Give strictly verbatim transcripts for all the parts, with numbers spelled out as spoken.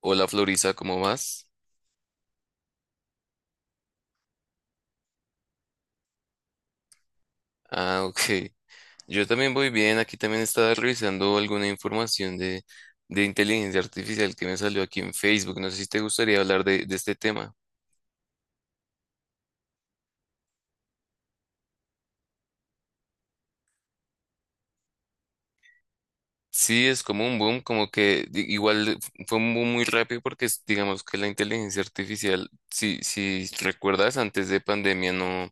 Hola Florisa, ¿cómo vas? Ah, ok. Yo también voy bien. Aquí también estaba revisando alguna información de, de inteligencia artificial que me salió aquí en Facebook. No sé si te gustaría hablar de, de este tema. Sí, es como un boom, como que di- igual fue un boom muy rápido porque es- digamos que la inteligencia artificial, si, si recuerdas, antes de pandemia no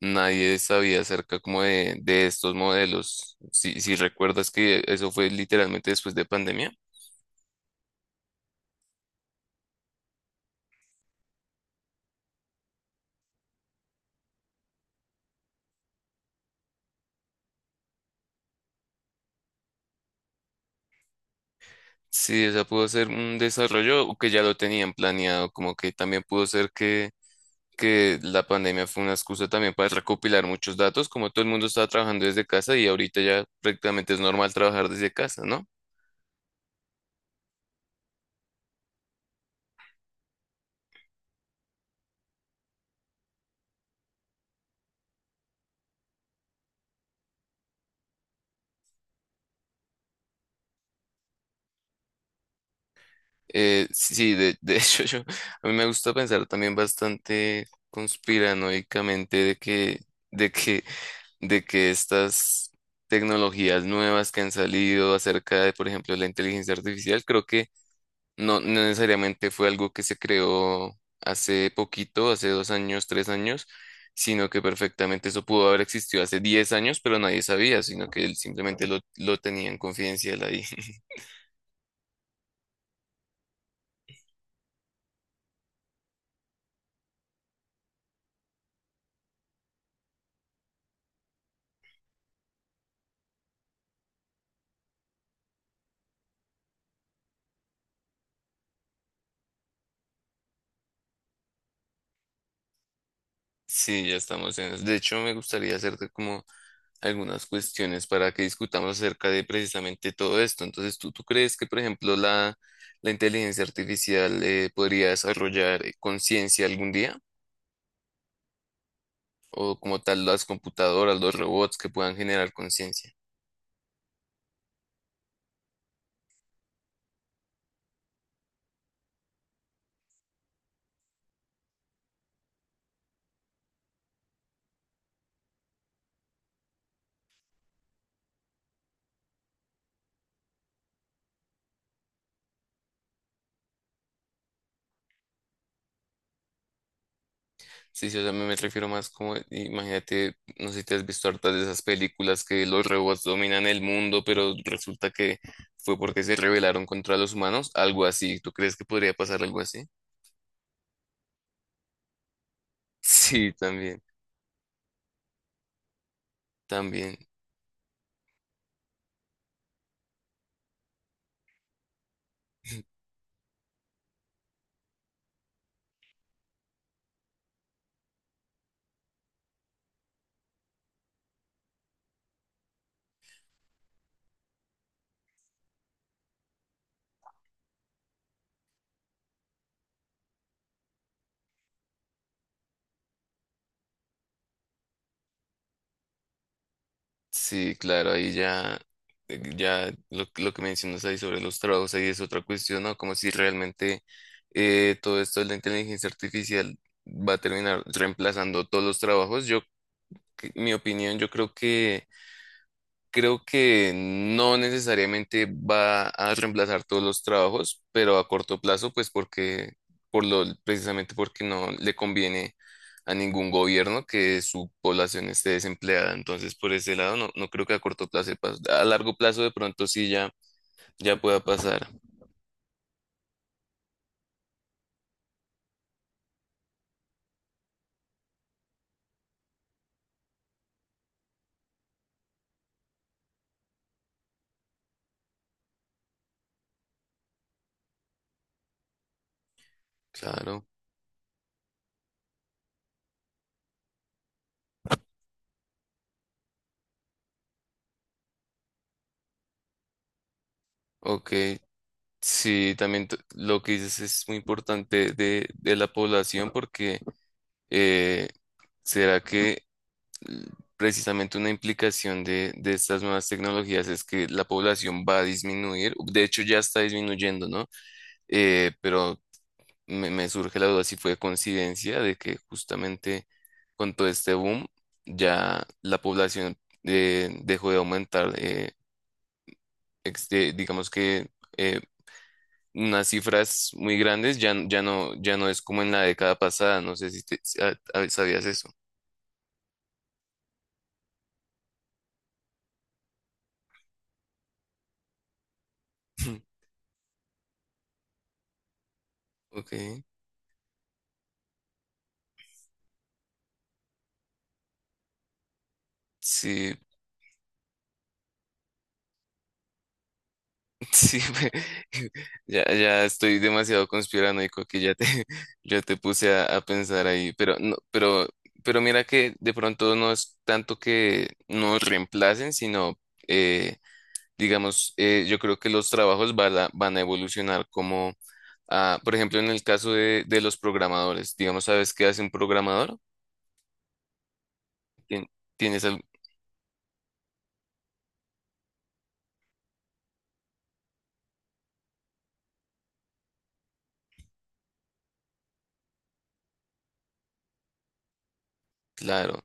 nadie sabía acerca como de, de estos modelos. Si, si recuerdas que eso fue literalmente después de pandemia. Sí, o sea, pudo ser un desarrollo que ya lo tenían planeado, como que también pudo ser que, que la pandemia fue una excusa también para recopilar muchos datos, como todo el mundo estaba trabajando desde casa y ahorita ya prácticamente es normal trabajar desde casa, ¿no? Eh, sí, de, de hecho yo, a mí me gusta pensar también bastante conspiranoicamente de que, de que, de que estas tecnologías nuevas que han salido acerca de, por ejemplo, la inteligencia artificial, creo que No, no necesariamente fue algo que se creó hace poquito, hace dos años, tres años, sino que perfectamente eso pudo haber existido hace diez años, pero nadie sabía, sino que él simplemente lo, lo tenía en confidencial ahí. Sí, ya estamos en eso. De hecho, me gustaría hacerte como algunas cuestiones para que discutamos acerca de precisamente todo esto. Entonces, ¿tú, tú crees que, por ejemplo, la, la inteligencia artificial eh, podría desarrollar eh, conciencia algún día? ¿O como tal las computadoras, los robots que puedan generar conciencia? Sí, sí, o sea, me, me refiero más como, imagínate, no sé si te has visto hartas de esas películas que los robots dominan el mundo, pero resulta que fue porque se rebelaron contra los humanos, algo así. ¿Tú crees que podría pasar algo así? Sí, también, también. Sí, claro, ahí ya, ya lo, lo que mencionas ahí sobre los trabajos, ahí es otra cuestión, ¿no? Como si realmente eh, todo esto de la inteligencia artificial va a terminar reemplazando todos los trabajos. Yo, que- mi opinión, yo creo que creo que no necesariamente va a reemplazar todos los trabajos, pero a corto plazo, pues porque, por lo, precisamente porque no le conviene a ningún gobierno que su población esté desempleada. Entonces, por ese lado, no, no creo que a corto plazo, pas- a largo plazo de pronto sí ya, ya pueda pasar. Claro. Ok. Sí, también t- lo que dices es muy importante de, de la población porque eh, será que l- precisamente una implicación de, de estas nuevas tecnologías es que la población va a disminuir, de hecho ya está disminuyendo, ¿no? Eh, pero me, me surge la duda si fue coincidencia de que justamente con todo este boom ya la población eh, dejó de aumentar, eh, ex- eh, digamos que eh, unas cifras muy grandes ya, n- ya no, ya no es como en la década pasada, no sé si, te- si a- a- sabías eso. Ok, sí, sí, me- ya, ya estoy demasiado conspiranoico que ya te, ya te puse a, a pensar ahí, pero no, pero, pero mira que de pronto no es tanto que nos reemplacen, sino eh, digamos, eh, yo creo que los trabajos van a, van a evolucionar como, ah, por ejemplo, en el caso de, de los programadores, digamos, ¿sabes qué hace un programador? Tien- ¿Tienes algo claro?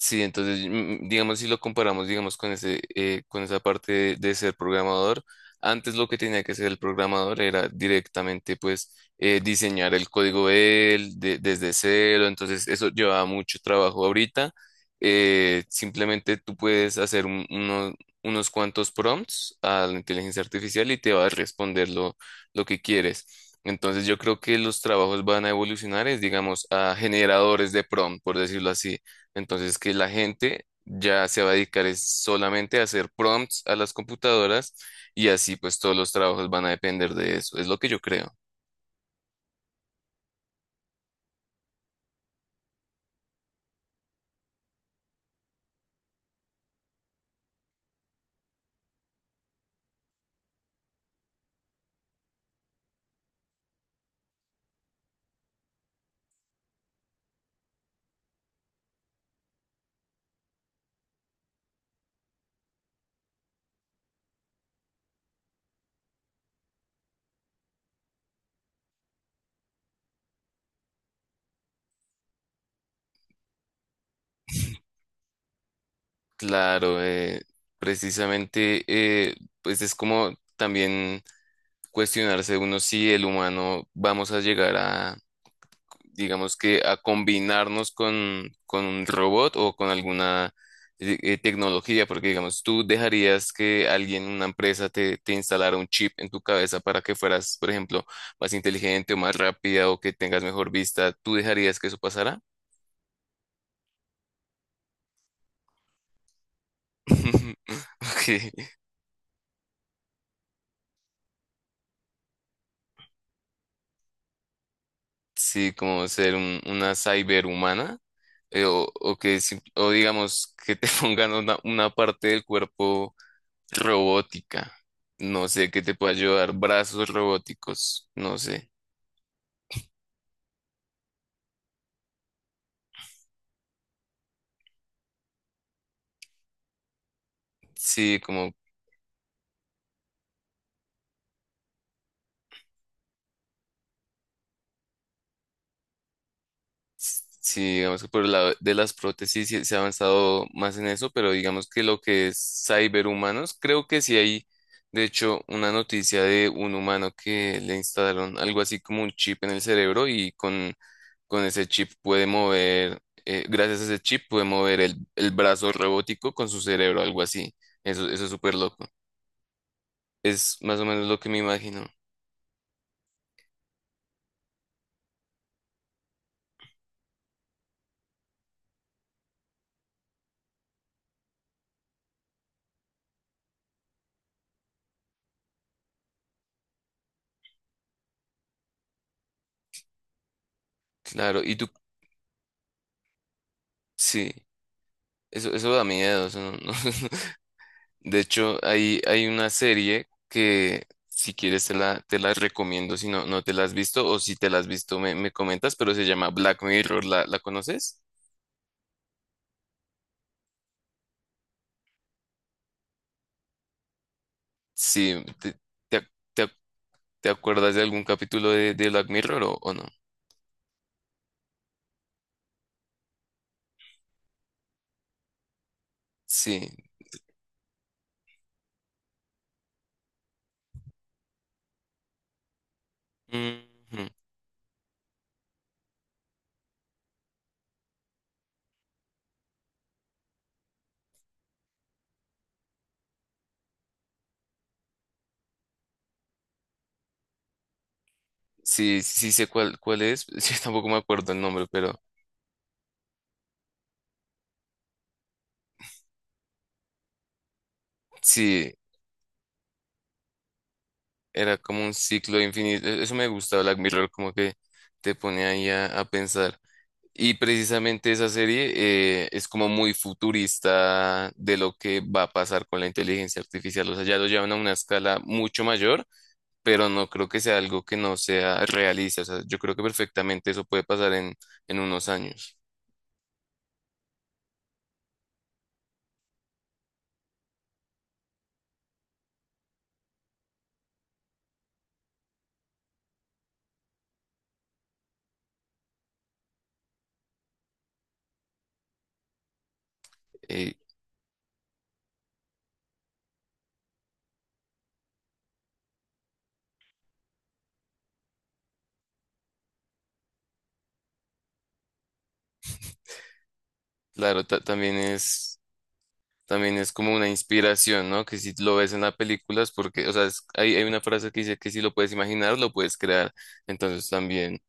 Sí, entonces, mm, digamos, si lo comparamos, digamos, con ese, eh, con esa parte de, de ser programador, antes lo que tenía que hacer el programador era directamente, pues, eh, diseñar el código él de- desde cero, entonces eso llevaba mucho trabajo. Ahorita, eh, simplemente tú puedes hacer un- uno- unos cuantos prompts a la inteligencia artificial y te va a responder lo, lo que quieres. Entonces, yo creo que los trabajos van a evolucionar, es, digamos, a generadores de prompt, por decirlo así, entonces, que la gente ya se va a dedicar es solamente a hacer prompts a las computadoras y así pues todos los trabajos van a depender de eso. Es lo que yo creo. Claro, eh, precisamente, eh, pues es como también cuestionarse uno si el humano vamos a llegar a, digamos que a combinarnos con, con un robot o con alguna eh, eh, tecnología, porque digamos, tú dejarías que alguien, una empresa, te, te instalara un chip en tu cabeza para que fueras, por ejemplo, más inteligente o más rápida o que tengas mejor vista, ¿tú dejarías que eso pasara? Ok, sí, como ser un- una cyberhumana. eh, o, o que sim- o digamos que te pongan una, una parte del cuerpo robótica. No sé qué te puede ayudar. Brazos robóticos. No sé. Sí, como, sí, digamos que por el lado de las prótesis sí se ha avanzado más en eso, pero digamos que lo que es cyberhumanos, creo que sí hay, de hecho, una noticia de un humano que le instalaron algo así como un chip en el cerebro y con, con ese chip puede mover, eh, gracias a ese chip puede mover el, el brazo robótico con su cerebro, algo así. Eso, eso es súper loco. Es más o menos lo que me imagino. Claro, y tú, sí, eso, eso da miedo. Eso no- no- De hecho, hay, hay una serie que si quieres te la, te la recomiendo, si no, no te la has visto o si te la has visto me, me comentas, pero se llama Black Mirror, ¿la, la conoces? Sí, ¿te, te, ac- te ac- te acuerdas de algún capítulo de, de Black Mirror o, o no? Sí. Ujú. Sí, sí sí sé cuál, cuál es, sí, tampoco me acuerdo el nombre, pero sí. Era como un ciclo infinito. E- Eso me gusta, Black Mirror, como que te pone ahí a, a pensar. Y precisamente esa serie eh, es como muy futurista de lo que va a pasar con la inteligencia artificial. O sea, ya lo llevan a una escala mucho mayor, pero no creo que sea algo que no sea realista. O sea, yo creo que perfectamente eso puede pasar en, en unos años. Eh, claro, ta- también es. También es como una inspiración, ¿no? Que si lo ves en la película es porque, o sea, es- hay, hay una frase que dice que si lo puedes imaginar, lo puedes crear. Entonces también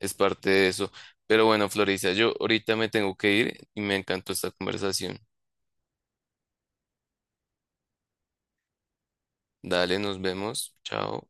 es parte de eso. Pero bueno, Florisa, yo ahorita me tengo que ir y me encantó esta conversación. Dale, nos vemos. Chao.